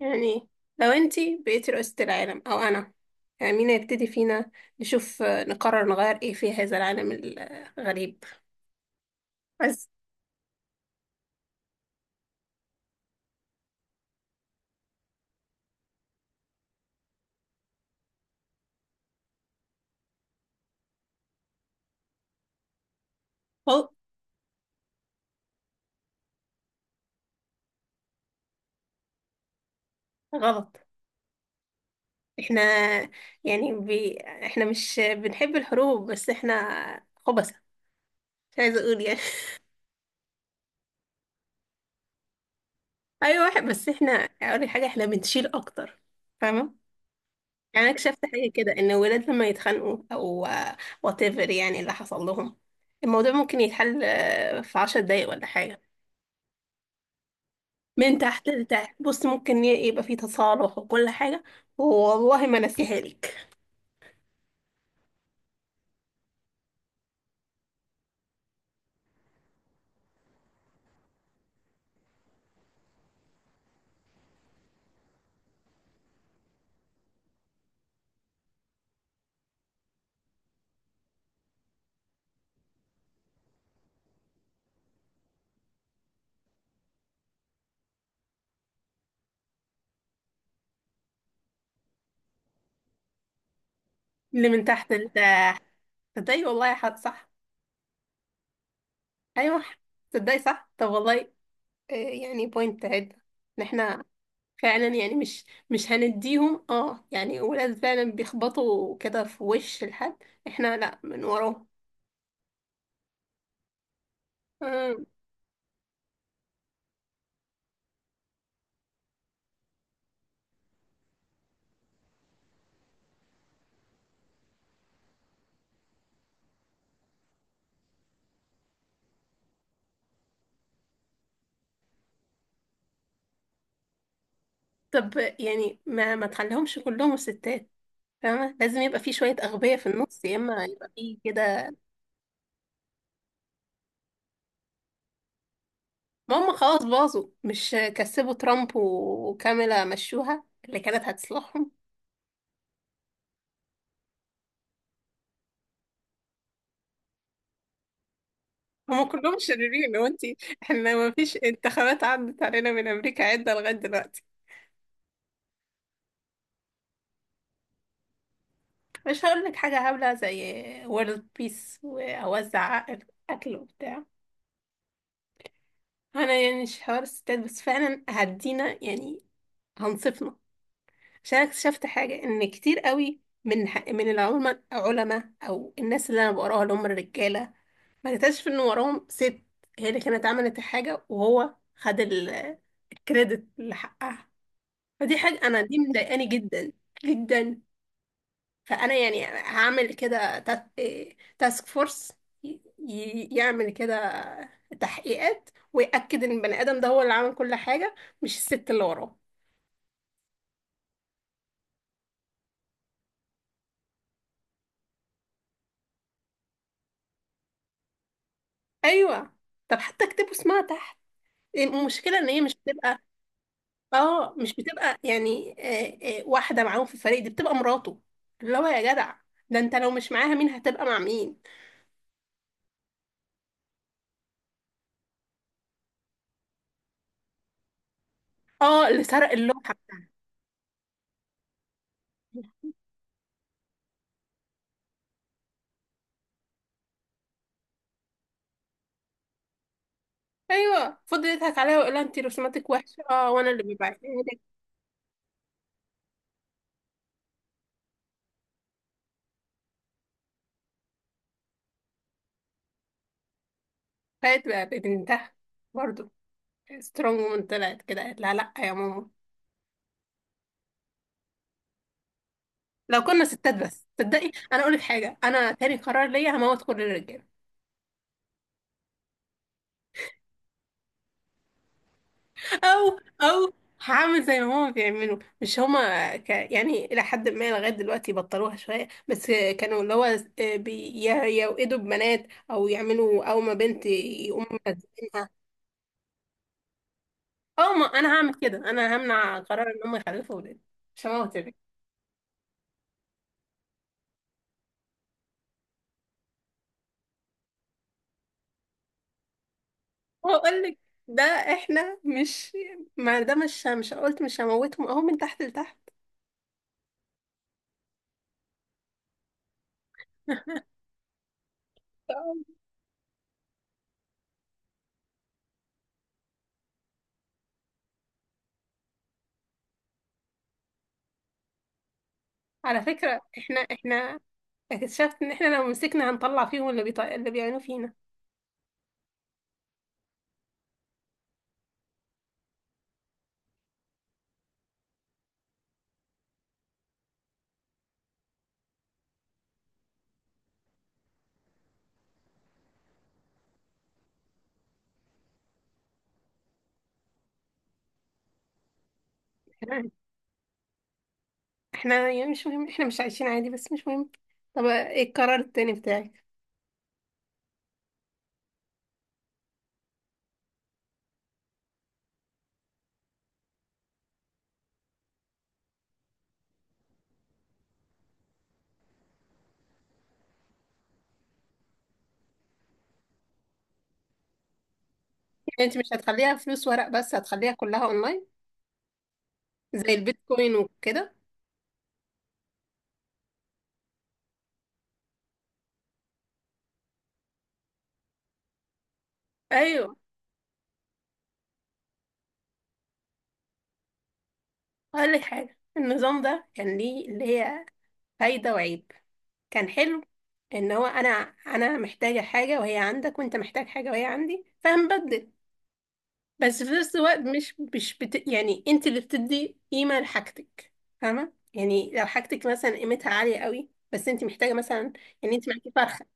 يعني لو انتي بقيتي رئيسة العالم او انا، يعني مين هيبتدي فينا؟ نشوف، نقرر نغير ايه في هذا العالم الغريب. بس هو غلط. احنا، يعني احنا مش بنحب الحروب، بس احنا خبثة. مش عايزة اقول يعني. ايوه، واحد. بس احنا، اقول لك حاجة، احنا بنشيل اكتر، فاهمة؟ يعني انا اكتشفت حاجة كده، ان الولاد لما يتخانقوا او واتيفر، يعني اللي حصل لهم، الموضوع ممكن يتحل، في 10 دقايق ولا حاجة. من تحت لتحت، بص ممكن يبقى فيه تصالح وكل حاجة. والله ما نسيها لك. اللي من تحت لتحت. تصدقي والله، حد صح. أيوة، تصدقي صح. طب والله، يعني بوينت عدة، إن احنا فعلا، يعني مش هنديهم، اه يعني ولاد فعلا بيخبطوا كده في وش الحد. احنا لا، من وراهم. آه. طب يعني، ما تخليهمش كلهم ستات، فاهمة؟ لازم يبقى فيه شوية أغبياء في النص، يا إما يبقى فيه كده. ما هم خلاص باظوا، مش كسبوا ترامب وكاميلا، مشوها اللي كانت هتصلحهم. هم كلهم شريرين لو انتي. احنا ما فيش انتخابات عدت علينا من امريكا عدة لغاية دلوقتي. مش هقول لك حاجة هبلة زي وورلد بيس، واوزع أكل أكل وبتاع. انا يعني مش حوار الستات، بس فعلا هدينا، يعني هنصفنا. عشان أنا اكتشفت حاجة، ان كتير قوي من العلماء او الناس اللي انا بقراها، اللي هم الرجالة، ما لقيتهاش، في ان وراهم ست هي اللي كانت عملت الحاجة، وهو خد الكريدت اللي حقها. فدي حاجة انا دي مضايقاني جدا جدا. فانا يعني هعمل كده تا- إيه، تاسك فورس يعمل كده تحقيقات، ويأكد ان البني ادم ده هو اللي عمل كل حاجة، مش الست اللي وراه. ايوه، طب حتى اكتبوا اسمها تحت. المشكلة ان هي مش هتبقى، اه مش بتبقى يعني، واحدة معاهم في الفريق، دي بتبقى مراته، اللي هو يا جدع، ده انت لو مش معاها، مين هتبقى مع مين؟ اه، اللي سرق اللوحة بتاعتي. ايوه فضل يضحك عليها ويقول لها انت رسوماتك وحشة، اه وانا اللي ببعتها لك. فات بقى ببنتها برضه، سترونج وومن طلعت كده، قالت لها لا يا ماما. لو كنا ستات بس، تصدقي انا اقول لك حاجة، انا تاني قرار ليا هموت كل الرجالة. او هعمل زي ما هما بيعملوا. مش هما يعني الى حد ما لغايه دلوقتي بطلوها شويه، بس كانوا اللي هو يوقدوا ببنات، او يعملوا اول ما بنت يقوموا مخزنينها. اه، ما انا هعمل كده، انا همنع قرار ان هم يخلفوا اولاد، مش هموت الولاد. واقول لك، ده احنا مش، ما ده مش قلت مش هموتهم، اهو من تحت لتحت. على فكره، احنا اكتشفت ان احنا لو مسكنا هنطلع فيهم، اللي بيعملوا فينا. احنا يعني مش مهم، احنا مش عايشين عادي، بس مش مهم. طب ايه القرار التاني بتاعك؟ يعني انت مش هتخليها فلوس ورق، بس هتخليها كلها اونلاين، زي البيتكوين وكده؟ ايوه. اقول لك حاجه، النظام ده كان ليه اللي هي فايده وعيب، كان حلو ان هو انا محتاجه حاجه وهي عندك، وانت محتاج حاجه وهي عندي، فهنبدل. بس في نفس الوقت، مش يعني انت اللي بتدي قيمه لحاجتك. فاهمه، يعني لو حاجتك مثلا قيمتها عاليه قوي، بس انت محتاجه مثلا، يعني انت معاكي فرخه.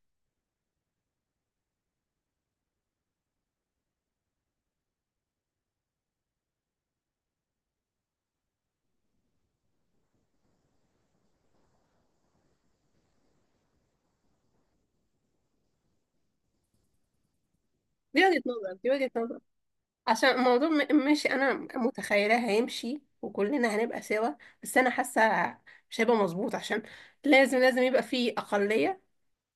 دي وجهة نظر. عشان الموضوع مش انا متخيلة هيمشي وكلنا هنبقى سوا. بس انا حاسة مش هيبقى مظبوط، عشان لازم يبقى في اقلية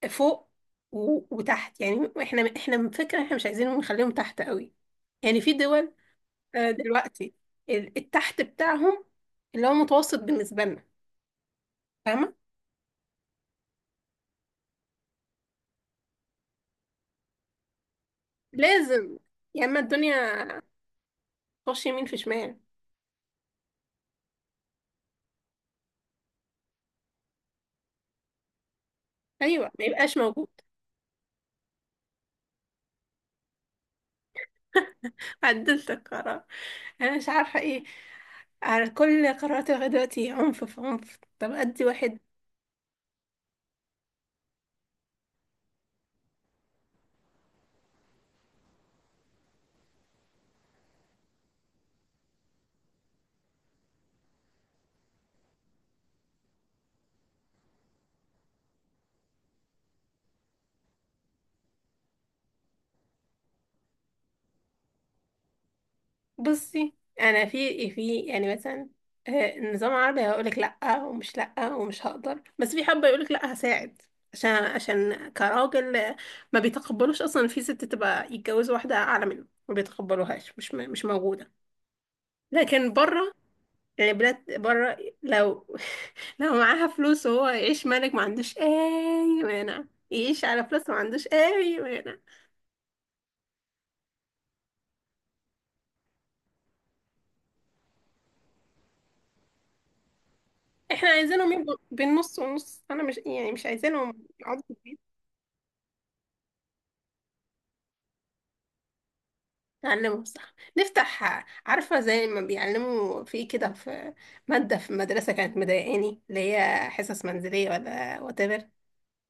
فوق وتحت. يعني احنا من فكرة احنا مش عايزينهم، نخليهم تحت قوي. يعني في دول، دلوقتي التحت بتاعهم، اللي هو متوسط بالنسبة لنا، فاهمة؟ لازم، يا اما الدنيا تخش يمين في شمال. ايوه، ما يبقاش موجود. عدلت القرار. انا مش عارفه ايه، على كل قرارات لغاية دلوقتي عنف في عنف. طب أدي واحد. بصي، أنا في في يعني مثلا، آه، النظام العربي هيقولك لأ، ومش لأ ومش هقدر، بس في حبة يقولك لأ هساعد. عشان كراجل، ما بيتقبلوش أصلا في ست تبقى يتجوز واحدة أعلى منه، ما بيتقبلوهاش، مش موجودة. لكن بره، يعني بلاد بره، لو لو معاها فلوس وهو يعيش ملك ما عندوش أي مانع، يعيش على فلوس ما عندوش أي مانع. احنا عايزينهم يبقوا بين نص ونص، انا مش، يعني مش عايزينهم يقعدوا في البيت. نعلمهم صح، نفتح عارفة زي ما بيعلموا في كده، في مادة في المدرسة كانت مضايقاني، اللي هي حصص منزلية ولا whatever،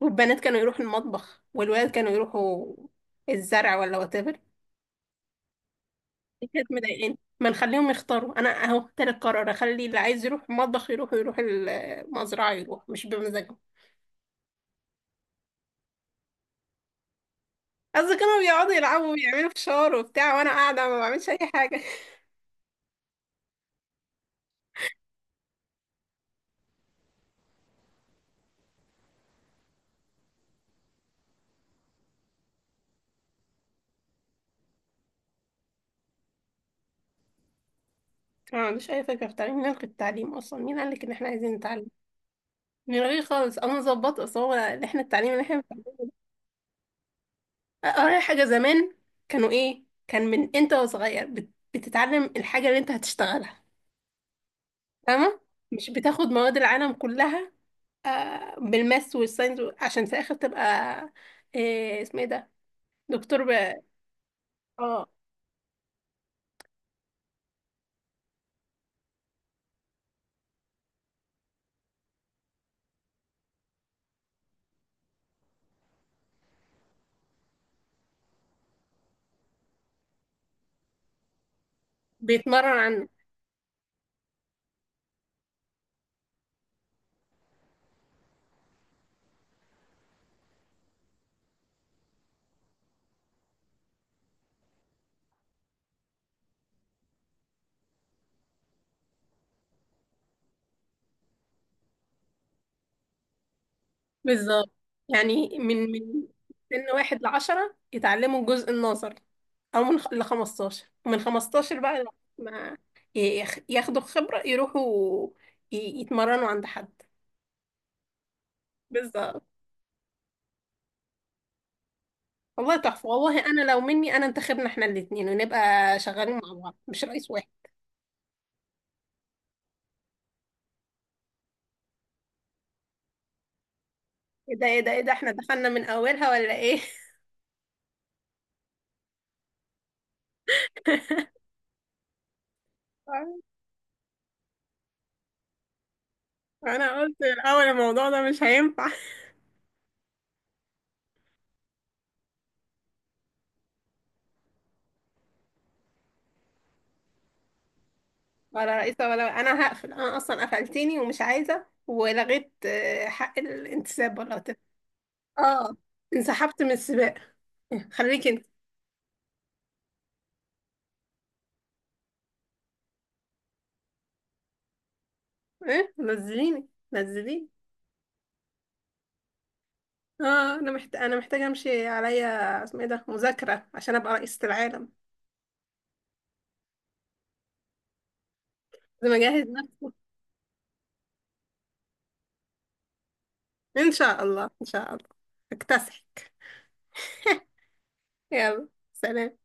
والبنات كانوا يروحوا المطبخ والولاد كانوا يروحوا الزرع ولا whatever. دي كانت مضايقاني. ما نخليهم يختاروا، انا اهو تالت قرار، اخلي اللي عايز يروح المطبخ يروح، ويروح المزرعة يروح، مش بمزاجهم. قصدي كانوا بيقعدوا يلعبوا ويعملوا فشار وبتاع، وانا قاعدة ما بعملش اي حاجة. أنا ما عنديش أي فكرة في التعليم. مين قال التعليم أصلا؟ مين قالك إن إحنا عايزين نتعلم؟ من غير خالص. أنا مظبطة أصلا هو إن إحنا التعليم اللي إحنا بنتعلمه، أقرأ حاجة زمان كانوا إيه، كان من أنت وصغير بتتعلم الحاجة اللي أنت هتشتغلها، فاهمة؟ مش بتاخد مواد العالم كلها، بالماس والساينس عشان في الآخر تبقى إيه اسمه إيه ده، دكتور آه، بيتمرن عنه. بالظبط، يعني من سن 1 لـ 10 يتعلموا الجزء النظري، أو من لـ 15، ومن 15 بقى ما ياخدوا خبرة، يروحوا ي- يتمرنوا عند حد. بالظبط. والله تحفة، والله أنا لو مني، أنا انتخبنا احنا الاتنين ونبقى شغالين مع بعض، مش رئيس واحد. ايه ده ايه ده ايه ده، احنا دخلنا من أولها ولا ايه؟ أنا قلت الأول الموضوع ده مش هينفع. ولا رئيسة ولا، أنا هقفل، أنا أصلا قفلتيني، ومش عايزة، ولغيت حق الانتساب ولا اه، انسحبت من السباق، خليكي انت. ايه، نزليني نزليني. اه انا محتاجه امشي عليا اسمه ايه ده، مذاكره عشان ابقى رئيسه العالم، لازم اجهز نفسي. ان شاء الله ان شاء الله، اكتسحك. يلا سلام.